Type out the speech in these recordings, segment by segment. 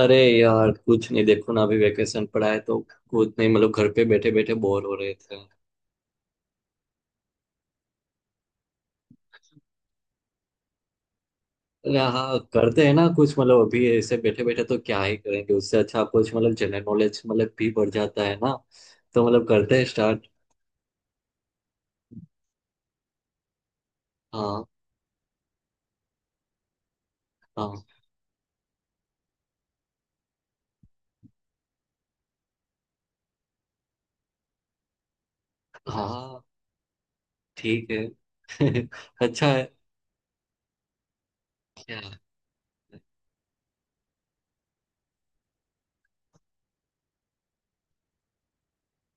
अरे यार कुछ नहीं देखो ना अभी वेकेशन पड़ा है तो कुछ नहीं मतलब घर पे बैठे बैठे बोर हो रहे थे। अरे हाँ करते हैं ना कुछ मतलब अभी ऐसे बैठे बैठे तो क्या ही करेंगे। उससे अच्छा कुछ मतलब जनरल नॉलेज मतलब भी बढ़ जाता है ना, तो मतलब करते हैं स्टार्ट। हाँ हाँ हाँ, ठीक है। अच्छा है। क्या?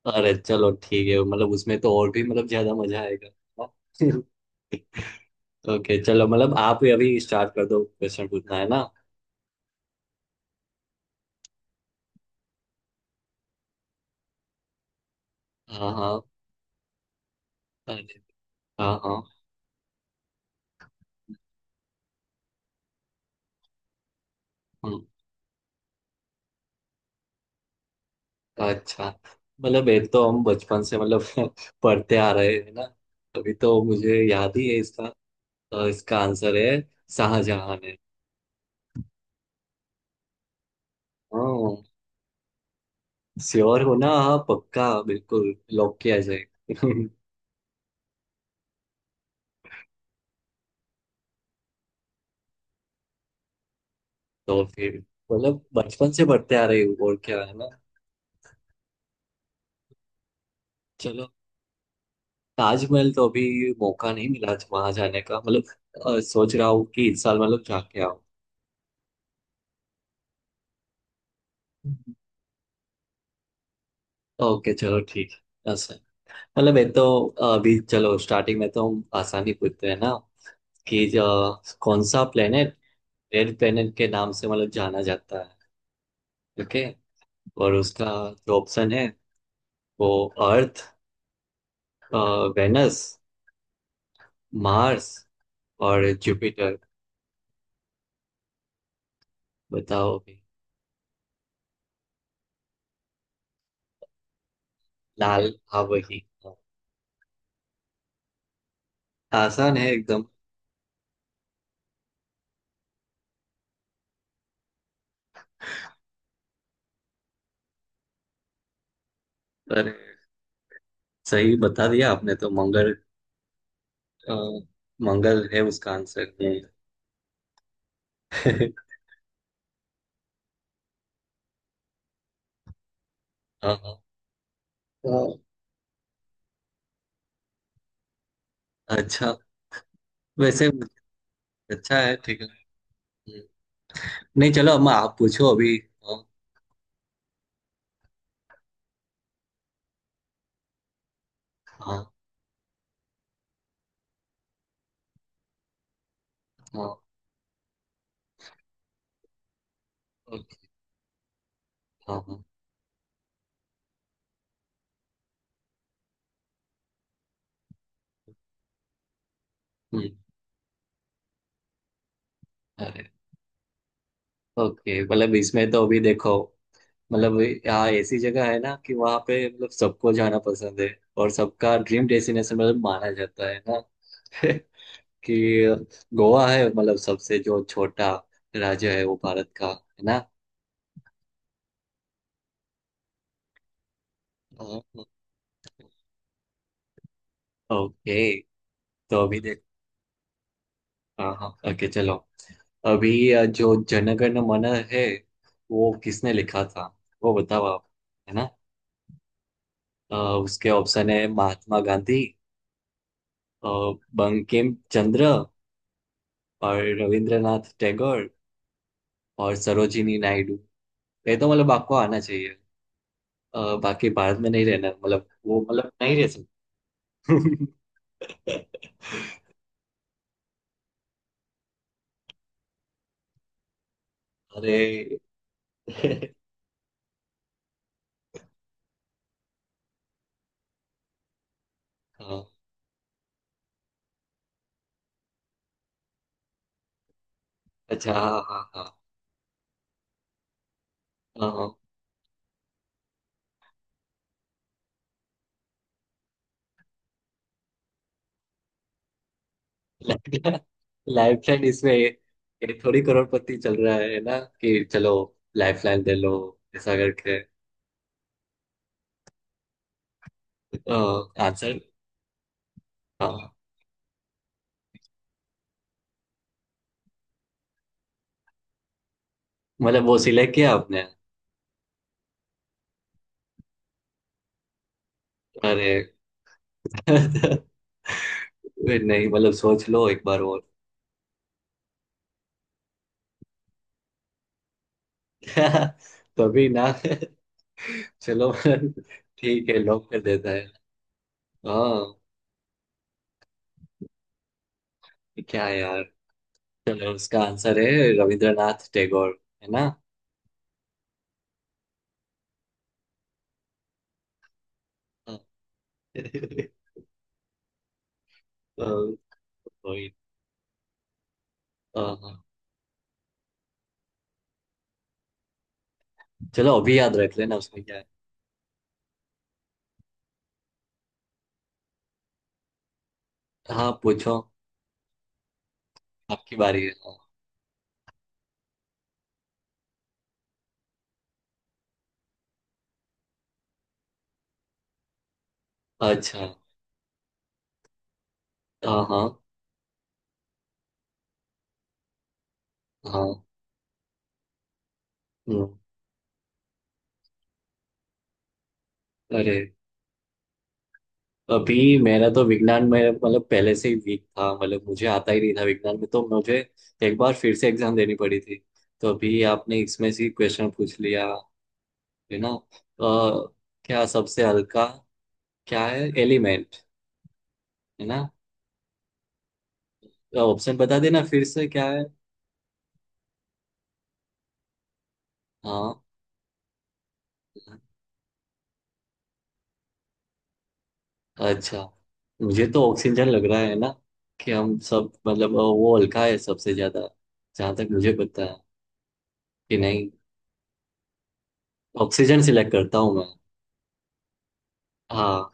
अरे चलो ठीक है, मतलब उसमें तो और भी मतलब ज्यादा मजा आएगा। ओके चलो, मतलब आप ही अभी स्टार्ट कर दो, क्वेश्चन पूछना है ना। हाँ हाँ। अरे, हाँ हाँ। हम्म, अच्छा। मतलब ये तो हम बचपन से मतलब पढ़ते आ रहे हैं ना। अभी तो मुझे याद ही है इसका। तो इसका आंसर है शाहजहां है। हाँ। श्योर हो ना, हाँ पक्का बिल्कुल लॉक किया जाए। तो फिर मतलब बचपन से पढ़ते आ रहे हो और क्या है ना। चलो ताजमहल तो अभी मौका नहीं मिला वहां जाने का मतलब। सोच रहा हूँ कि इस साल मतलब जाके आओ। ओके चलो ठीक है ऐसा। मतलब ये तो अभी चलो स्टार्टिंग में तो हम आसानी पूछते हैं ना, कि जो कौन सा प्लेनेट रेड प्लेनेट के नाम से मतलब जाना जाता है। ओके, और उसका जो ऑप्शन है वो अर्थ, वेनस, मार्स और जुपिटर। बताओ अभी। लाल हाँ वही। आसान है एकदम। पर सही बता दिया आपने तो मंगल। अ, मंगल है उसका आंसर। हाँ हाँ हाँ। अच्छा। वैसे अच्छा है, ठीक है। हम्म। नहीं चलो अम्मा आप पूछो अभी। हाँ हाँ हाँ। ओके, हाँ हाँ। हम्म, अरे। ओके मतलब इसमें तो अभी देखो, मतलब यहाँ ऐसी जगह है ना कि वहाँ पे मतलब सबको जाना पसंद है, और सबका ड्रीम डेस्टिनेशन मतलब माना जाता है ना। कि गोवा है मतलब सबसे जो छोटा राज्य है वो भारत का है ना। हाँ, हाँ, ओके। तो अभी देख। हाँ हाँ ओके चलो। अभी जो जनगण मन है वो किसने लिखा था वो बताओ आप, है ना। अ, उसके ऑप्शन है महात्मा गांधी, अ, बंकिम चंद्र और रविंद्रनाथ टैगोर और सरोजिनी नायडू। ये तो मतलब आपको आना चाहिए। बाकी भारत में नहीं रहना मतलब वो मतलब नहीं रह सकते। अरे हाँ। अच्छा हाँ हाँ हाँ। हाँ। लड़का लाइफलाइन इसमें ये थोड़ी करोड़पति चल रहा है ना कि चलो लाइफलाइन दे लो, ऐसा करके। तो आंसर? हाँ। मतलब वो सिलेक्ट किया आपने? अरे वे नहीं मतलब सोच लो एक बार और। तभी ना। चलो ठीक है लॉक कर देता है। हाँ क्या यार। चलो उसका आंसर है रविंद्रनाथ टैगोर है ना। हाँ, वही। हाँ, हाँ। चलो अभी याद रख लेना उसमें क्या है। हाँ पूछो। आपकी बारी है हाँ। अच्छा हाँ हाँ हाँ। हम्म। अरे, अभी मेरा तो विज्ञान में मतलब पहले से ही वीक था, मतलब मुझे आता ही नहीं था विज्ञान में। तो मुझे एक बार फिर से एग्जाम देनी पड़ी थी। तो अभी आपने इसमें से क्वेश्चन पूछ लिया है ना। अ, क्या सबसे हल्का क्या है एलिमेंट, है ना? ऑप्शन बता देना फिर से क्या है। हाँ। अच्छा, मुझे तो ऑक्सीजन लग रहा है ना, कि हम सब मतलब वो हल्का है सबसे ज्यादा, जहां तक मुझे पता है। कि नहीं? ऑक्सीजन सिलेक्ट करता हूँ मैं। हाँ।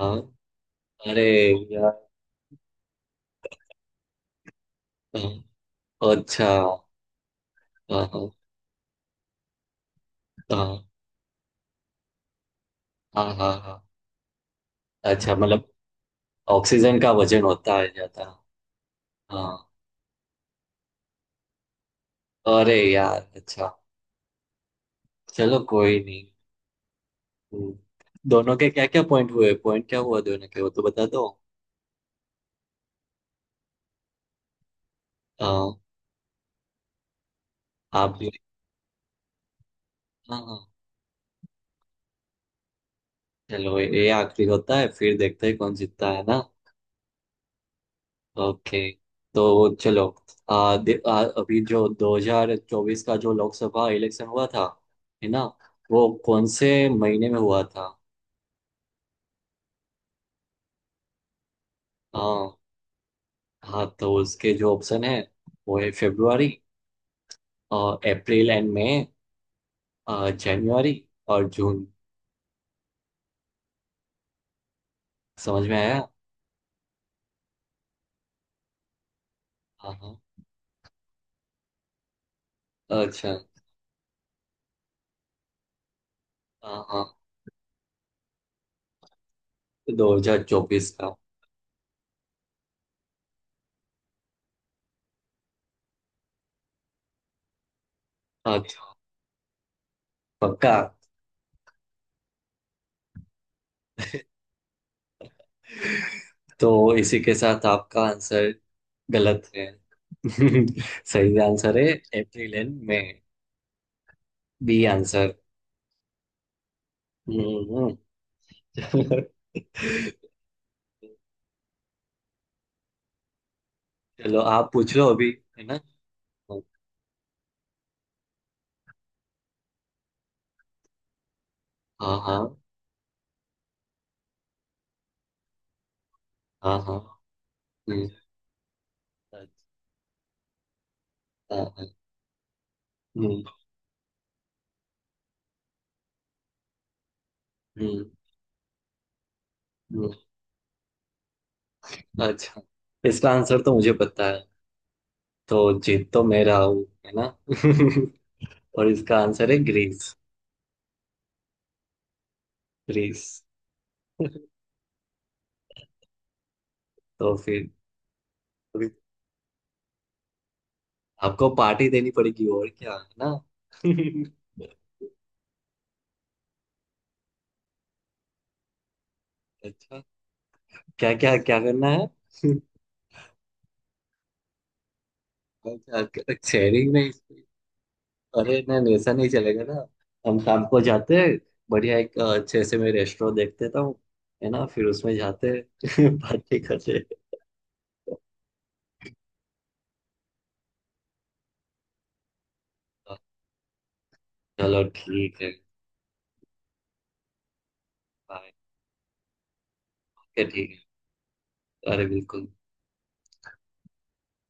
हाँ। अरे यार। हाँ, अच्छा। हाँ हाँ हाँ हाँ हाँ हाँ। अच्छा मतलब ऑक्सीजन का वजन होता है ज्यादा। हाँ। अरे यार अच्छा। चलो कोई नहीं। हम्म, दोनों के क्या क्या पॉइंट हुए, पॉइंट क्या हुआ दोनों के वो तो बता दो। हाँ। आप भी, हाँ हाँ। चलो ये आखिरी होता है फिर देखते हैं कौन जीतता है ना। ओके तो चलो, अभी जो 2024 का जो लोकसभा इलेक्शन हुआ था है ना, वो कौन से महीने में हुआ था। हाँ हाँ। तो उसके जो ऑप्शन है वो है फेब्रुआरी और अप्रैल एंड मई, जनवरी और जून। समझ में आया। हाँ हाँ अच्छा हाँ हाँ 2024 का। अच्छा पक्का? तो इसी के साथ आपका आंसर गलत है। सही आंसर है April and May, B answer. हम्म हम्म। चलो आप पूछ लो अभी, है ना। हाँ हाँ हाँ हाँ। हम्म, अच्छा। हम्म हम्म। हम्म, अच्छा इसका आंसर तो मुझे पता है, तो जीत तो मैं रहा हूँ है ना। और इसका आंसर है ग्रीस। ग्रीस। तो फिर अभी आपको पार्टी देनी पड़ेगी और क्या है ना। अच्छा क्या क्या क्या करना है। अच्छा शेयरिंग में इस- अरे नहीं ऐसा नहीं चलेगा ना। हम शाम को जाते हैं, बढ़िया एक अच्छे से मैं रेस्टोरेंट देख देता हूँ है ना, फिर उसमें जाते हैं। पार्टी करते हैं। चलो ठीक है। बाय। ओके ठीक है। अरे बिल्कुल।